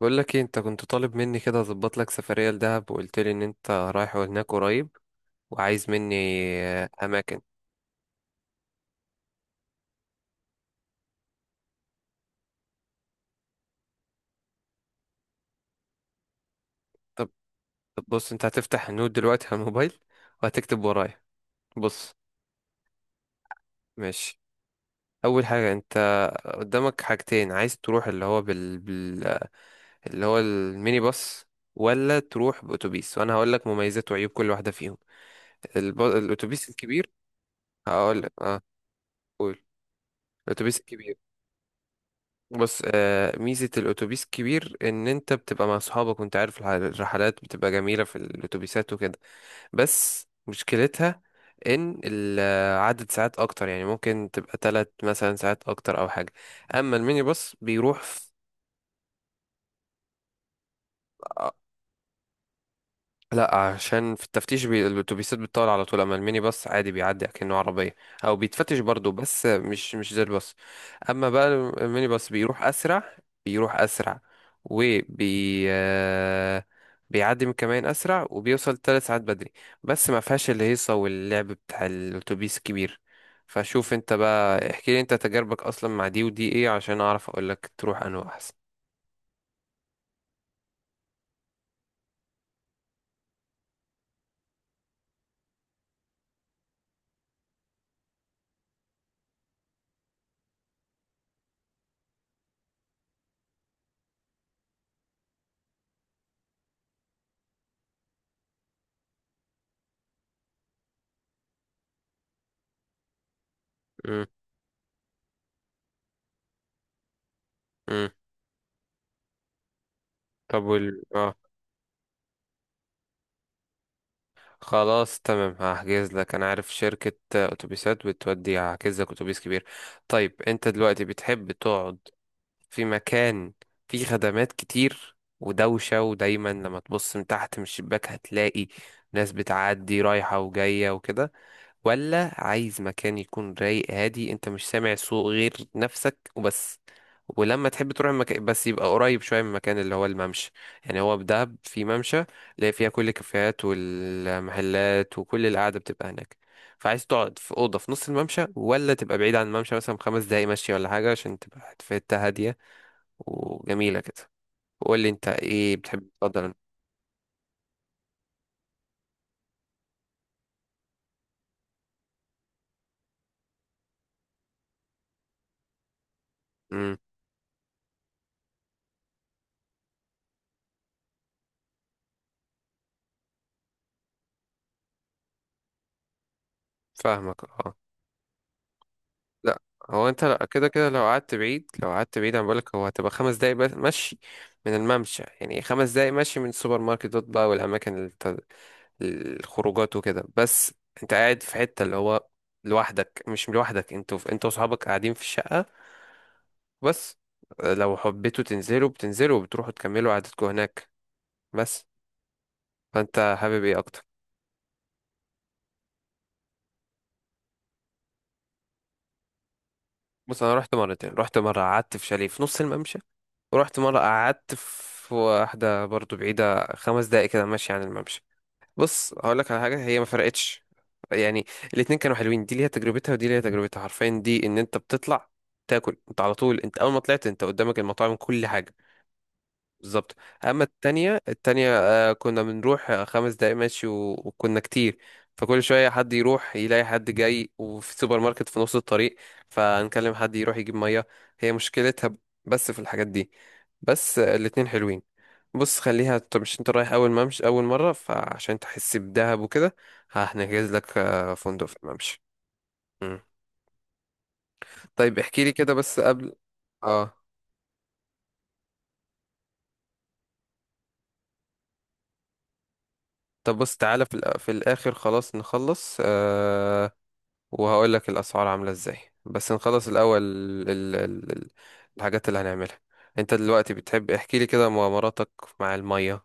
بقول لك ايه، انت كنت طالب مني كده اظبط لك سفريه لدهب وقلت لي ان انت رايح هناك قريب وعايز مني اماكن. طب طب بص، انت هتفتح النوت دلوقتي على الموبايل وهتكتب ورايا. بص. ماشي. اول حاجه، انت قدامك حاجتين، عايز تروح اللي هو بال... بال... آه، اللي هو الميني باص، ولا تروح باتوبيس، وانا هقول لك مميزات وعيوب كل واحده فيهم. الاتوبيس الكبير. هقول لك، اه، قول. الاتوبيس الكبير. بص، ميزة الأتوبيس كبير إن أنت بتبقى مع صحابك، وأنت عارف الرحلات بتبقى جميلة في الأتوبيسات وكده. بس مشكلتها إن عدد ساعات أكتر، يعني ممكن تبقى 3 مثلا ساعات أكتر أو حاجة. أما الميني باص بيروح في... لا، عشان في التفتيش الاتوبيسات بتطول على طول، اما الميني باص عادي بيعدي كأنه عربيه، او بيتفتش برضه بس مش زي الباص. اما بقى، الميني باص بيروح اسرع، بيروح اسرع وبي آه، بيعدي من كمان اسرع وبيوصل 3 ساعات بدري. بس ما فيهاش الهيصه واللعب بتاع الاتوبيس الكبير. فشوف انت بقى، احكي لي انت تجاربك اصلا مع دي ودي ايه، عشان اعرف اقول لك تروح انه احسن. امم. طب اه. خلاص تمام، هحجز لك. انا عارف شركة اتوبيسات بتودي، هحجز لك اتوبيس كبير. طيب، انت دلوقتي بتحب تقعد في مكان فيه خدمات كتير ودوشة، ودايما لما تبص من تحت من الشباك هتلاقي ناس بتعدي رايحة وجاية وكده، ولا عايز مكان يكون رايق هادي، انت مش سامع صوت غير نفسك وبس؟ ولما تحب تروح المكان بس يبقى قريب شوية من المكان اللي هو الممشى. يعني هو في دهب في ممشى، اللي فيها كل الكافيهات والمحلات وكل القعدة بتبقى هناك. فعايز تقعد في أوضة في نص الممشى، ولا تبقى بعيد عن الممشى مثلا 5 دقايق مشي ولا حاجة، عشان تبقى في حتة هادية وجميلة كده؟ وقول لي انت ايه بتحب تفضل. امم. فاهمك، اه. لا، هو انت، لا كده كده، لو قعدت بعيد انا بقولك، هو هتبقى 5 دقايق بس مشي من الممشى، يعني 5 دقايق مشي من السوبر ماركتات بقى، والاماكن الخروجات وكده بس. انت قاعد في حتة اللي هو لوحدك، مش لوحدك، انت واصحابك قاعدين في الشقة بس. لو حبيتوا تنزلوا بتنزلوا وبتروحوا تكملوا قعدتكم هناك بس. فانت حابب ايه اكتر؟ بص، انا رحت مرتين. رحت مره قعدت في شاليه في نص الممشى، ورحت مره قعدت في واحده برضو بعيده 5 دقايق كده ماشي عن الممشى. بص هقول لك على حاجه، هي ما فرقتش. يعني الاتنين كانوا حلوين، دي ليها تجربتها ودي ليها تجربتها حرفيا. دي ان انت بتطلع تاكل انت على طول، انت اول ما طلعت انت قدامك المطاعم كل حاجه. بالظبط. اما التانية، كنا بنروح 5 دقايق ماشي، وكنا كتير. فكل شوية حد يروح يلاقي حد جاي، وفي سوبر ماركت في نص الطريق، فنكلم حد يروح يجيب مية. هي مشكلتها بس في الحاجات دي بس. الاتنين حلوين. بص خليها، انت مش، انت رايح اول ممشى اول مرة، فعشان تحس بدهب وكده هنجهز لك فندق في الممشى. مم. طيب احكي لي كده بس قبل. اه. طب بص، تعالى في في الاخر، خلاص نخلص وهقول لك الاسعار عامله ازاي. بس نخلص الاول، ال... الحاجات اللي هنعملها. انت دلوقتي بتحب، احكي لي كده مغامراتك مع الميه.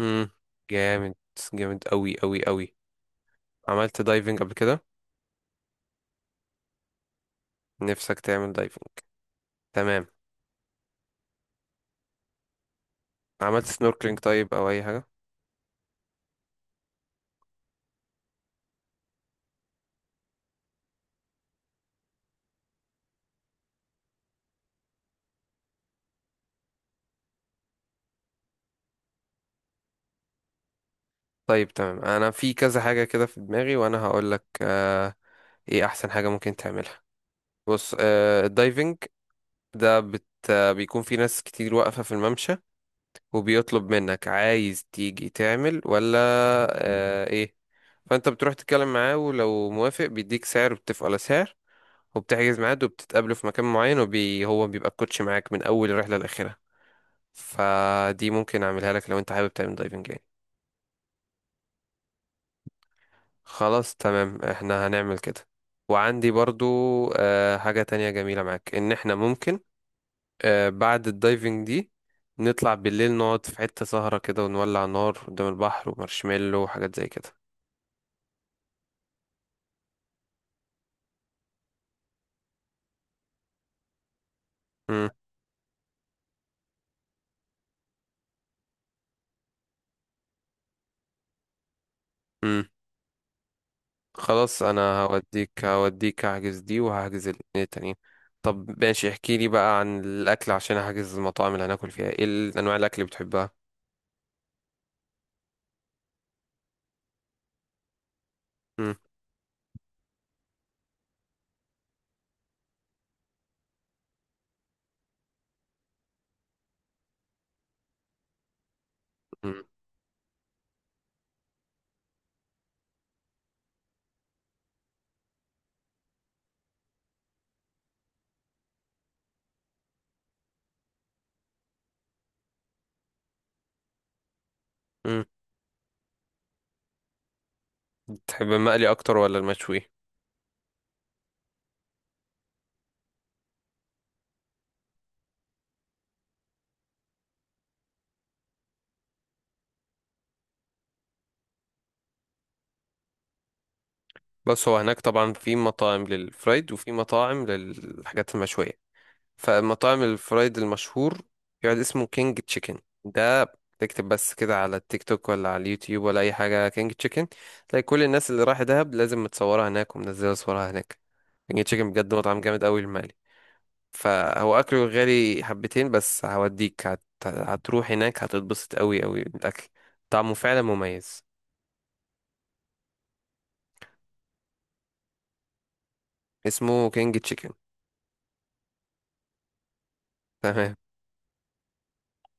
امم جامد. جامد قوي قوي قوي. عملت دايفنج قبل كده؟ نفسك تعمل دايفنج. تمام. عملت سنوركلينج طيب او اي حاجه؟ طيب تمام، انا في كذا حاجه كده في دماغي وانا هقول لك ايه احسن حاجه ممكن تعملها. بص، الدايفنج ده بت... آه، بيكون في ناس كتير واقفه في الممشى، وبيطلب منك عايز تيجي تعمل ولا. آه، ايه. فانت بتروح تتكلم معاه، ولو موافق بيديك سعر، وبتتفقوا على سعر، وبتحجز ميعاد، وبتتقابلوا في مكان معين، هو بيبقى الكوتش معاك من اول الرحله لاخرها. فدي ممكن اعملها لك لو انت حابب تعمل دايفنج يعني. خلاص تمام، احنا هنعمل كده. وعندي برضو حاجه تانية جميله معاك، ان احنا ممكن بعد الدايفنج دي نطلع بالليل، نقعد في حته سهره كده، ونولع نار قدام البحر، ومارشميلو وحاجات زي كده. امم خلاص، انا هوديك هحجز دي وهحجز الاتنين التانيين. طب ماشي، احكي لي بقى عن الاكل، عشان هحجز المطاعم اللي هناكل فيها. ايه انواع الاكل اللي بتحبها؟ امم امم امم بتحب المقلي اكتر ولا المشوي؟ بس هو هناك طبعا في مطاعم للفرايد، وفي مطاعم للحاجات المشوية. فمطاعم الفرايد المشهور يقعد اسمه كينج تشيكن. ده تكتب بس كده على التيك توك ولا على اليوتيوب ولا اي حاجه، كينج تشيكن. تلاقي كل الناس اللي راح دهب لازم متصوره هناك ومنزله صورها هناك. كينج تشيكن، بجد مطعم جامد قوي المالي. فهو اكله غالي حبتين، بس هوديك هتروح هناك هتتبسط قوي قوي بالاكل. طعمه فعلا مميز. اسمه كينج تشيكن. تمام،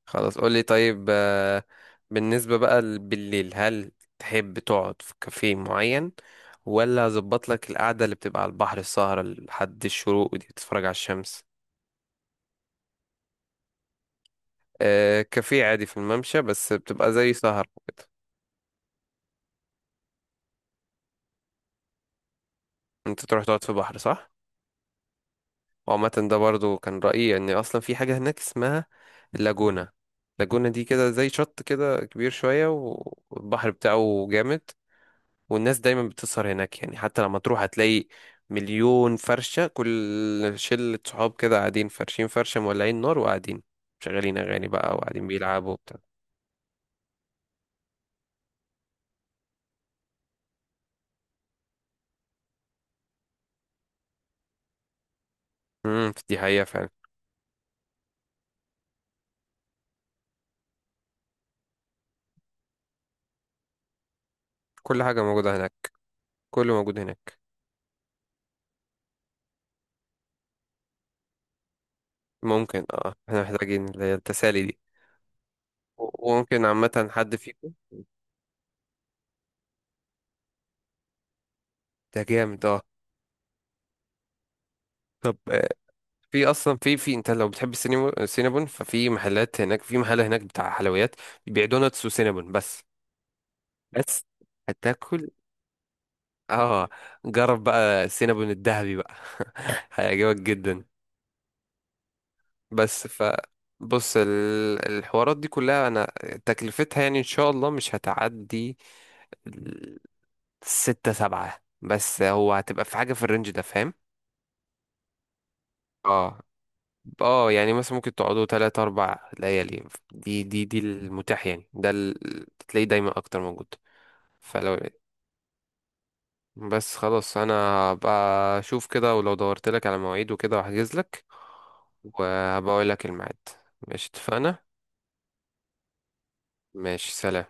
خلاص قولي طيب. بالنسبة بقى بالليل، هل تحب تقعد في كافيه معين، ولا اظبط لك القعدة اللي بتبقى على البحر، السهرة لحد الشروق ودي بتتفرج على الشمس؟ كافيه عادي في الممشى، بس بتبقى زي سهرة كده. انت تروح تقعد في بحر، صح؟ وعامة ده برضو كان رأيي، ان اصلا في حاجة هناك اسمها اللاجونة. اللاجونة دي كده زي شط كده كبير شوية، والبحر بتاعه جامد، والناس دايما بتسهر هناك. يعني حتى لما تروح هتلاقي مليون فرشة، كل شلة صحاب كده قاعدين فرشين فرشة، مولعين نار وقاعدين، شغالين أغاني بقى وقاعدين بيلعبوا وبتاع. دي حقيقة فعلا. كل حاجة موجودة هناك، كله موجود هناك. ممكن، اه، احنا محتاجين اللي هي التسالي دي. وممكن عامة حد فيكم. ده جامد، اه. طب، في اصلا في في انت لو بتحب السينابون، ففي محلات هناك، في محل هناك بتاع حلويات بيبيع دوناتس وسينابون بس. بس هتاكل، اه. جرب بقى السينابون الذهبي بقى هيعجبك جدا. بس ف بص، الحوارات دي كلها انا تكلفتها يعني ان شاء الله مش هتعدي ال- 6 7 بس، هو هتبقى في حاجة في الرينج ده، فاهم؟ اه. اه يعني مثلا ممكن تقعدوا 3 4 ليالي. دي المتاح يعني، ده تلاقيه دايما اكتر موجود. فلو بس خلاص، انا بقى اشوف كده، ولو دورت لك على مواعيد وكده واحجز لك وهبقى اقول لك الميعاد. ماشي، اتفقنا. ماشي، سلام.